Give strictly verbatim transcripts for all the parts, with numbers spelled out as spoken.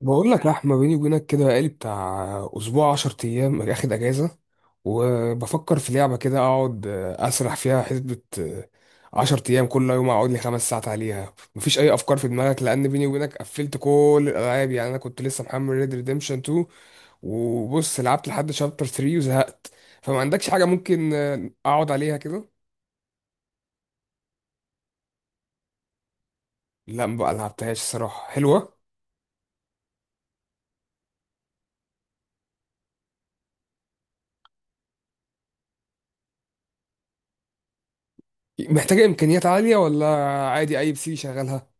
بقول لك يا احمد، بيني وبينك كده، بقالي بتاع اسبوع عشر ايام اخد اجازه، وبفكر في لعبه كده اقعد اسرح فيها. حسبه عشرة ايام كل يوم اقعد لي خمس ساعات عليها. مفيش اي افكار في دماغك؟ لان بيني وبينك قفلت كل الالعاب. يعني انا كنت لسه محمل ريد ريديمشن تو، وبص لعبت لحد شابتر ثلاثة وزهقت. فما عندكش حاجه ممكن اقعد عليها كده؟ لا، ما بقى لعبتهاش. الصراحه حلوه. محتاجه امكانيات عاليه ولا عادي اي بي سي شغالها؟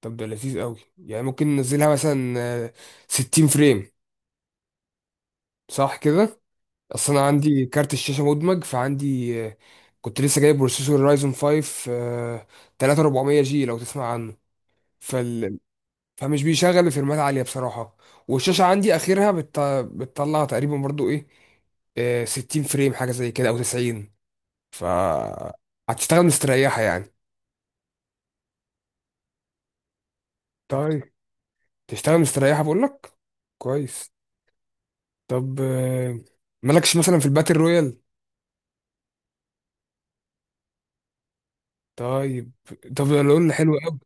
طب ده لذيذ قوي يعني. ممكن ننزلها مثلا آه، ستين فريم؟ صح كده؟ اصل انا عندي كارت الشاشه مدمج، فعندي آه، كنت لسه جايب بروسيسور رايزون فايف آه، تلاتة وأربعمية جي، لو تسمع عنه. فال... فمش بيشغل فريمات عاليه بصراحه. والشاشه عندي اخرها بت... بتطلع تقريبا برضو ايه آه، ستين فريم حاجه زي كده او تسعين. ف هتشتغل مستريحه يعني. طيب. تشتغل مستريحه، بقول لك. كويس. طب آه، مالكش مثلا في الباتل رويال؟ طيب. طب لول حلو قوي.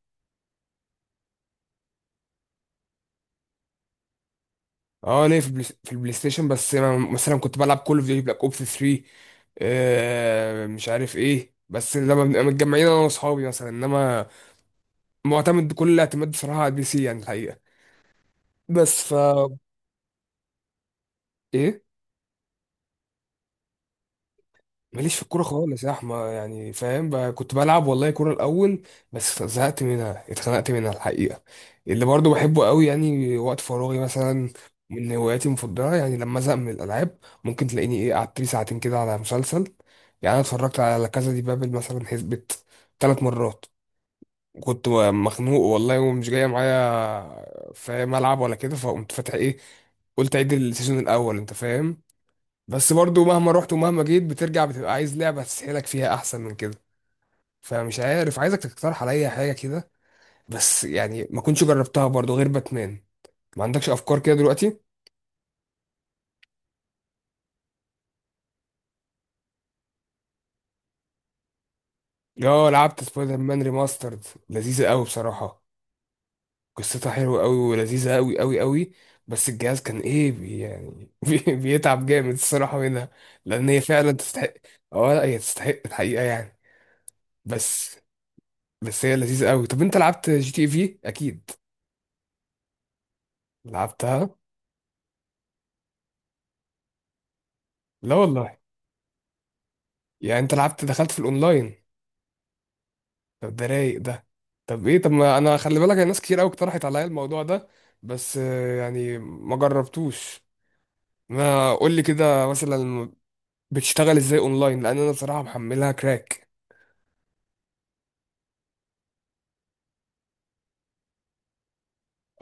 اه ليه، في البلاي في البلاي ستيشن، بس أنا مثلا كنت بلعب كول اوف ديوتي بلاك اوبس ثري آه مش عارف ايه. بس لما بنبقى متجمعين انا واصحابي مثلا، انما معتمد كل الاعتماد بصراحه على البي سي يعني الحقيقه. بس ف ايه. ماليش في الكورة خالص يا احمد، يعني فاهم بقى. كنت بلعب والله كورة الأول بس زهقت منها، اتخنقت منها الحقيقة. اللي برضو بحبه قوي يعني وقت فراغي مثلا، من هواياتي المفضلة، يعني لما أزهق من الألعاب ممكن تلاقيني إيه قعدت لي ساعتين كده على مسلسل. يعني أنا اتفرجت على كذا. دي بابل مثلا حسبت ثلاث مرات. كنت مخنوق والله ومش جاية معايا فاهم ألعب ولا كده، فقمت فاتح إيه، قلت عيد السيزون الأول أنت فاهم. بس برضو مهما رحت ومهما جيت بترجع بتبقى عايز لعبة تسحلك فيها أحسن من كده. فمش عارف، عايزك تقترح عليا حاجة كده. بس يعني ما كنتش جربتها برضو غير باتمان. ما عندكش أفكار كده دلوقتي؟ اه لعبت سبايدر مان ريماسترد. لذيذة قوي بصراحة. قصتها حلوة قوي ولذيذة قوي قوي قوي. بس الجهاز كان ايه بي يعني بي بيتعب جامد الصراحة منها، لأن هي فعلا تستحق. اه لا هي تستحق الحقيقة يعني. بس. بس هي لذيذة قوي. طب انت لعبت جي تي في أكيد؟ لعبتها. لا والله. يعني انت لعبت دخلت في الاونلاين؟ طب ده رايق ده. طب ايه، طب ما انا خلي بالك، أنا ناس كتير قوي اقترحت عليا الموضوع ده بس آه، يعني ما جربتوش. ما قول لي كده مثلا، بتشتغل ازاي اونلاين؟ لان انا بصراحه محملها كراك.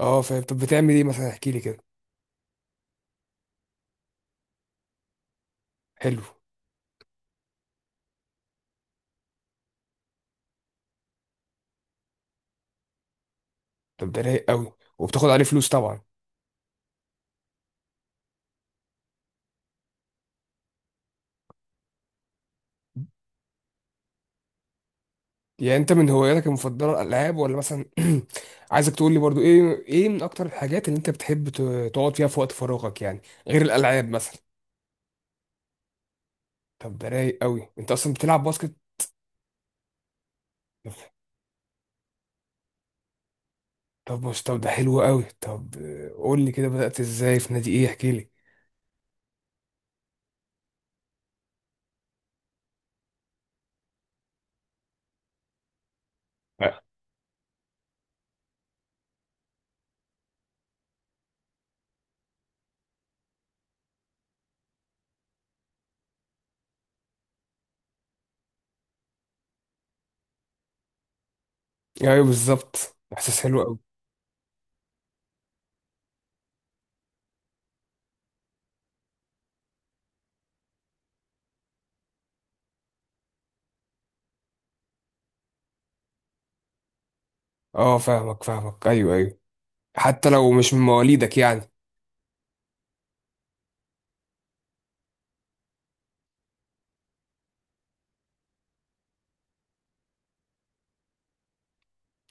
اه فاهم. طب بتعمل ايه مثلا؟ احكي لي كده. حلو. طب ده رايق قوي. وبتاخد عليه فلوس طبعا. يعني انت من هواياتك المفضله الالعاب، ولا مثلا عايزك تقول لي برضو ايه ايه من اكتر الحاجات اللي انت بتحب ت- تقعد فيها في وقت فراغك يعني، غير الالعاب مثلا؟ طب ده رايق قوي. انت اصلا بتلعب باسكت؟ طب بص، طب ده حلو قوي. طب آه، قول لي كده بدأت ازاي في نادي ايه احكي لي. أه. ايوه بالظبط، احساس حلو قوي. اه فاهمك فاهمك، ايوه ايوه. حتى لو مش من مواليدك يعني.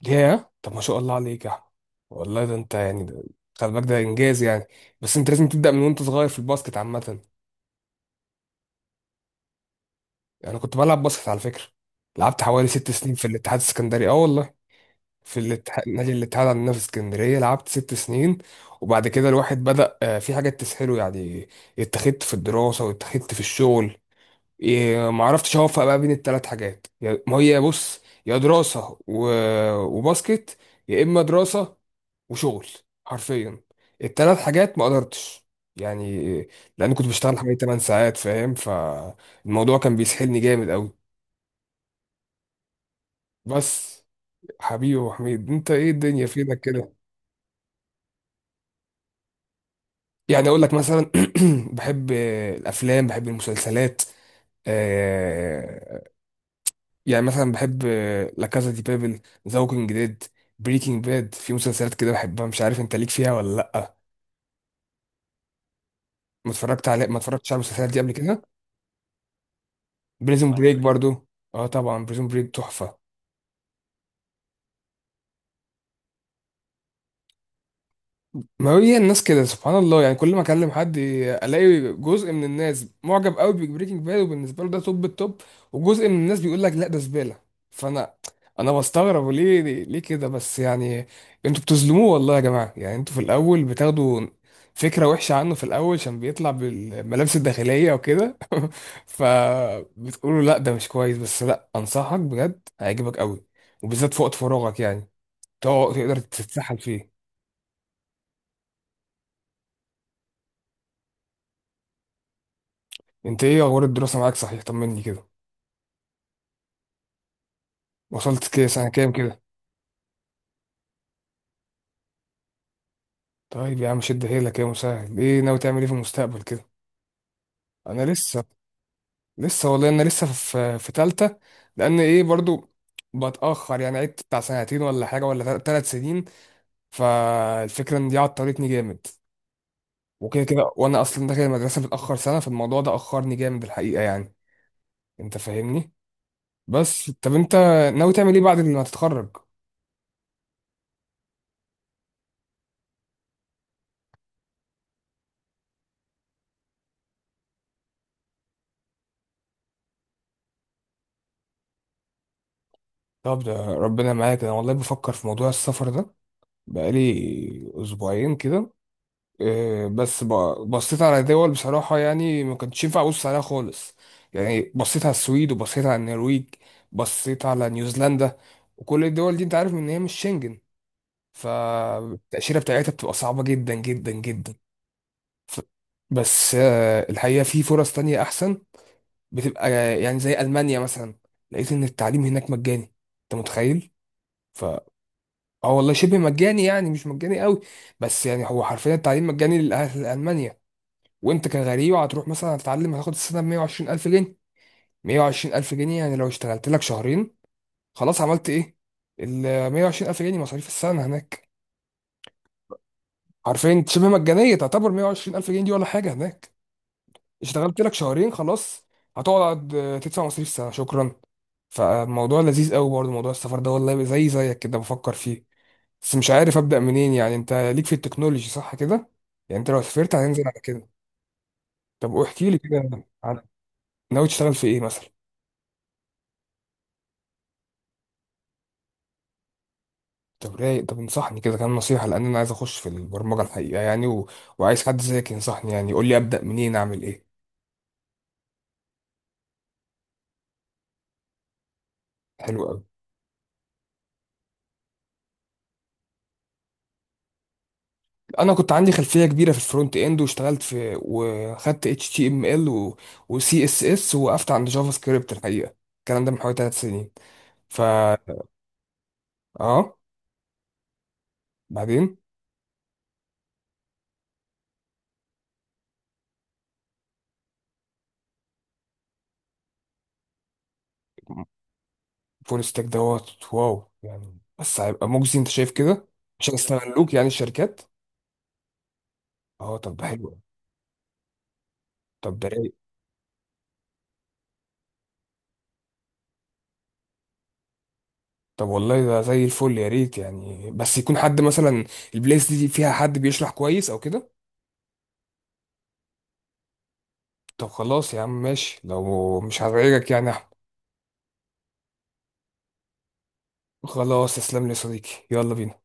ياه، طب ما شاء الله عليك يا احمد. والله ده انت يعني، ده خلي بالك، ده انجاز يعني. بس انت لازم تبدأ من وانت صغير في الباسكت عامة. يعني انا كنت بلعب باسكت على فكرة. لعبت حوالي ست سنين في الاتحاد السكندري، اه والله. في الاتحاد، نادي الاتحاد عندنا في اسكندرية، لعبت ست سنين. وبعد كده الواحد بدأ آه، في حاجات تسهله يعني، اتخذت في الدراسة واتخذت في الشغل. إيه، ما عرفتش اوفق بقى بين الثلاث حاجات، يا- ما هي بص، يا دراسة و- وباسكت، يا اما دراسة وشغل، حرفيا الثلاث حاجات ما قدرتش يعني. لان كنت بشتغل حوالي ثماني ساعات فاهم، فالموضوع كان بيسحلني جامد قوي. بس. حبيبي يا أبو حميد، انت ايه، الدنيا فينك كده؟ يعني اقول لك مثلا بحب الافلام بحب المسلسلات آه، يعني مثلا بحب لا كازا دي بابل، ذا ووكينج ديد، بريكنج باد. في مسلسلات كده بحبها، مش عارف انت ليك فيها ولا لا. ما اتفرجت على ما اتفرجتش على المسلسلات دي قبل كده. بريزون طبعا بريك برضو. اه طبعا بريزون بريك تحفة. ما هي الناس كده سبحان الله، يعني كل ما اكلم حد الاقي جزء من الناس معجب قوي ببريكنج باد وبالنسبه له ده توب التوب، وجزء من الناس بيقول لك لا ده زباله. فانا انا بستغرب، ليه ليه كده بس يعني. انتوا بتظلموه والله يا جماعه. يعني انتوا في الاول بتاخدوا فكره وحشه عنه في الاول، عشان بيطلع بالملابس الداخليه وكده فبتقولوا لا ده مش كويس. بس لا، انصحك بجد هيعجبك قوي، وبالذات في وقت فراغك يعني، تقعد- تقدر تتسحل فيه. انت ايه اخبار الدراسه معاك صحيح، طمني كده. وصلت كده سنه كام كده؟ طيب يا عم شد حيلك يا مسهل. ايه ناوي تعمل ايه في المستقبل كده؟ انا لسه. لسه والله انا لسه في في تالته. لان ايه برضو بتاخر يعني، عدت بتاع سنتين ولا حاجه ولا ثلاث سنين. فالفكره ان دي عطلتني جامد، وكده كده وانا اصلا داخل المدرسه متاخر سنه، فالموضوع ده اخرني جامد الحقيقه يعني. انت فاهمني. بس طب انت ناوي تعمل ايه بعد ما تتخرج؟ طب ده ربنا معاك. انا والله بفكر في موضوع السفر ده بقالي اسبوعين كده آه، بس ب- بصيت على دول بصراحة، يعني ما كنتش ينفع ابص عليها خالص. يعني بصيت على السويد وبصيت على النرويج، بصيت على نيوزيلندا، وكل الدول دي انت عارف ان هي مش شنجن. فالتأشيرة بتاعتها بتبقى صعبة جدا جدا جدا. ف... بس آه، الحقيقة في فرص تانية احسن. بتبقى آه، يعني زي ألمانيا مثلا. لقيت ان التعليم هناك مجاني، انت متخيل؟ اه والله شبه مجاني يعني مش مجاني قوي. بس يعني هو حرفيا التعليم مجاني للأهل لألمانيا. وانت كغريب هتروح مثلا هتتعلم هتاخد السنة ب مية وعشرين الف جنيه. مائة وعشرين ألف جنيه يعني لو اشتغلت لك شهرين خلاص عملت ايه. ال مائة وعشرين ألف جنيه مصاريف السنة هناك، حرفيا شبه مجانية تعتبر مائة وعشرين ألف جنيه دي ولا حاجة هناك. اشتغلت لك شهرين خلاص. هتقعد اه، تدفع مصاريف السنة شكرا. فالموضوع لذيذ قوي برضه، موضوع السفر ده والله زي زيك كده بفكر فيه. بس مش عارف ابدا منين. يعني انت ليك في التكنولوجي صح كده؟ يعني انت لو سافرت هتنزل على كده؟ طب واحكي لي كده عن، ناوي تشتغل في ايه مثلا؟ طب رايق. طب انصحني كده كام نصيحه، لان انا عايز اخش في البرمجه الحقيقه يعني و... وعايز حد زيك ينصحني، يعني يقول لي ابدا منين اعمل ايه. حلو قوي. انا كنت عندي خلفيه كبيره في الفرونت اند واشتغلت في وخدت اتش تي ام ال و... وسي اس اس، وقفت عند جافا سكريبت الحقيقه، الكلام ده من حوالي ثلاث سنين. ف اه. بعدين. فول ستاك دوت واو يعني. بس هيبقى مجزي انت شايف كده؟ مش هيستغلوك يعني الشركات؟ اه طب ده حلو. طب ده رايق. طب والله ده زي الفل يا ريت يعني. بس يكون حد مثلا، البلايس دي فيها حد بيشرح كويس او كده. طب خلاص يا عم ماشي لو مش هزعجك يعني يا احمد. خلاص، تسلم لي يا صديقي، يلا بينا.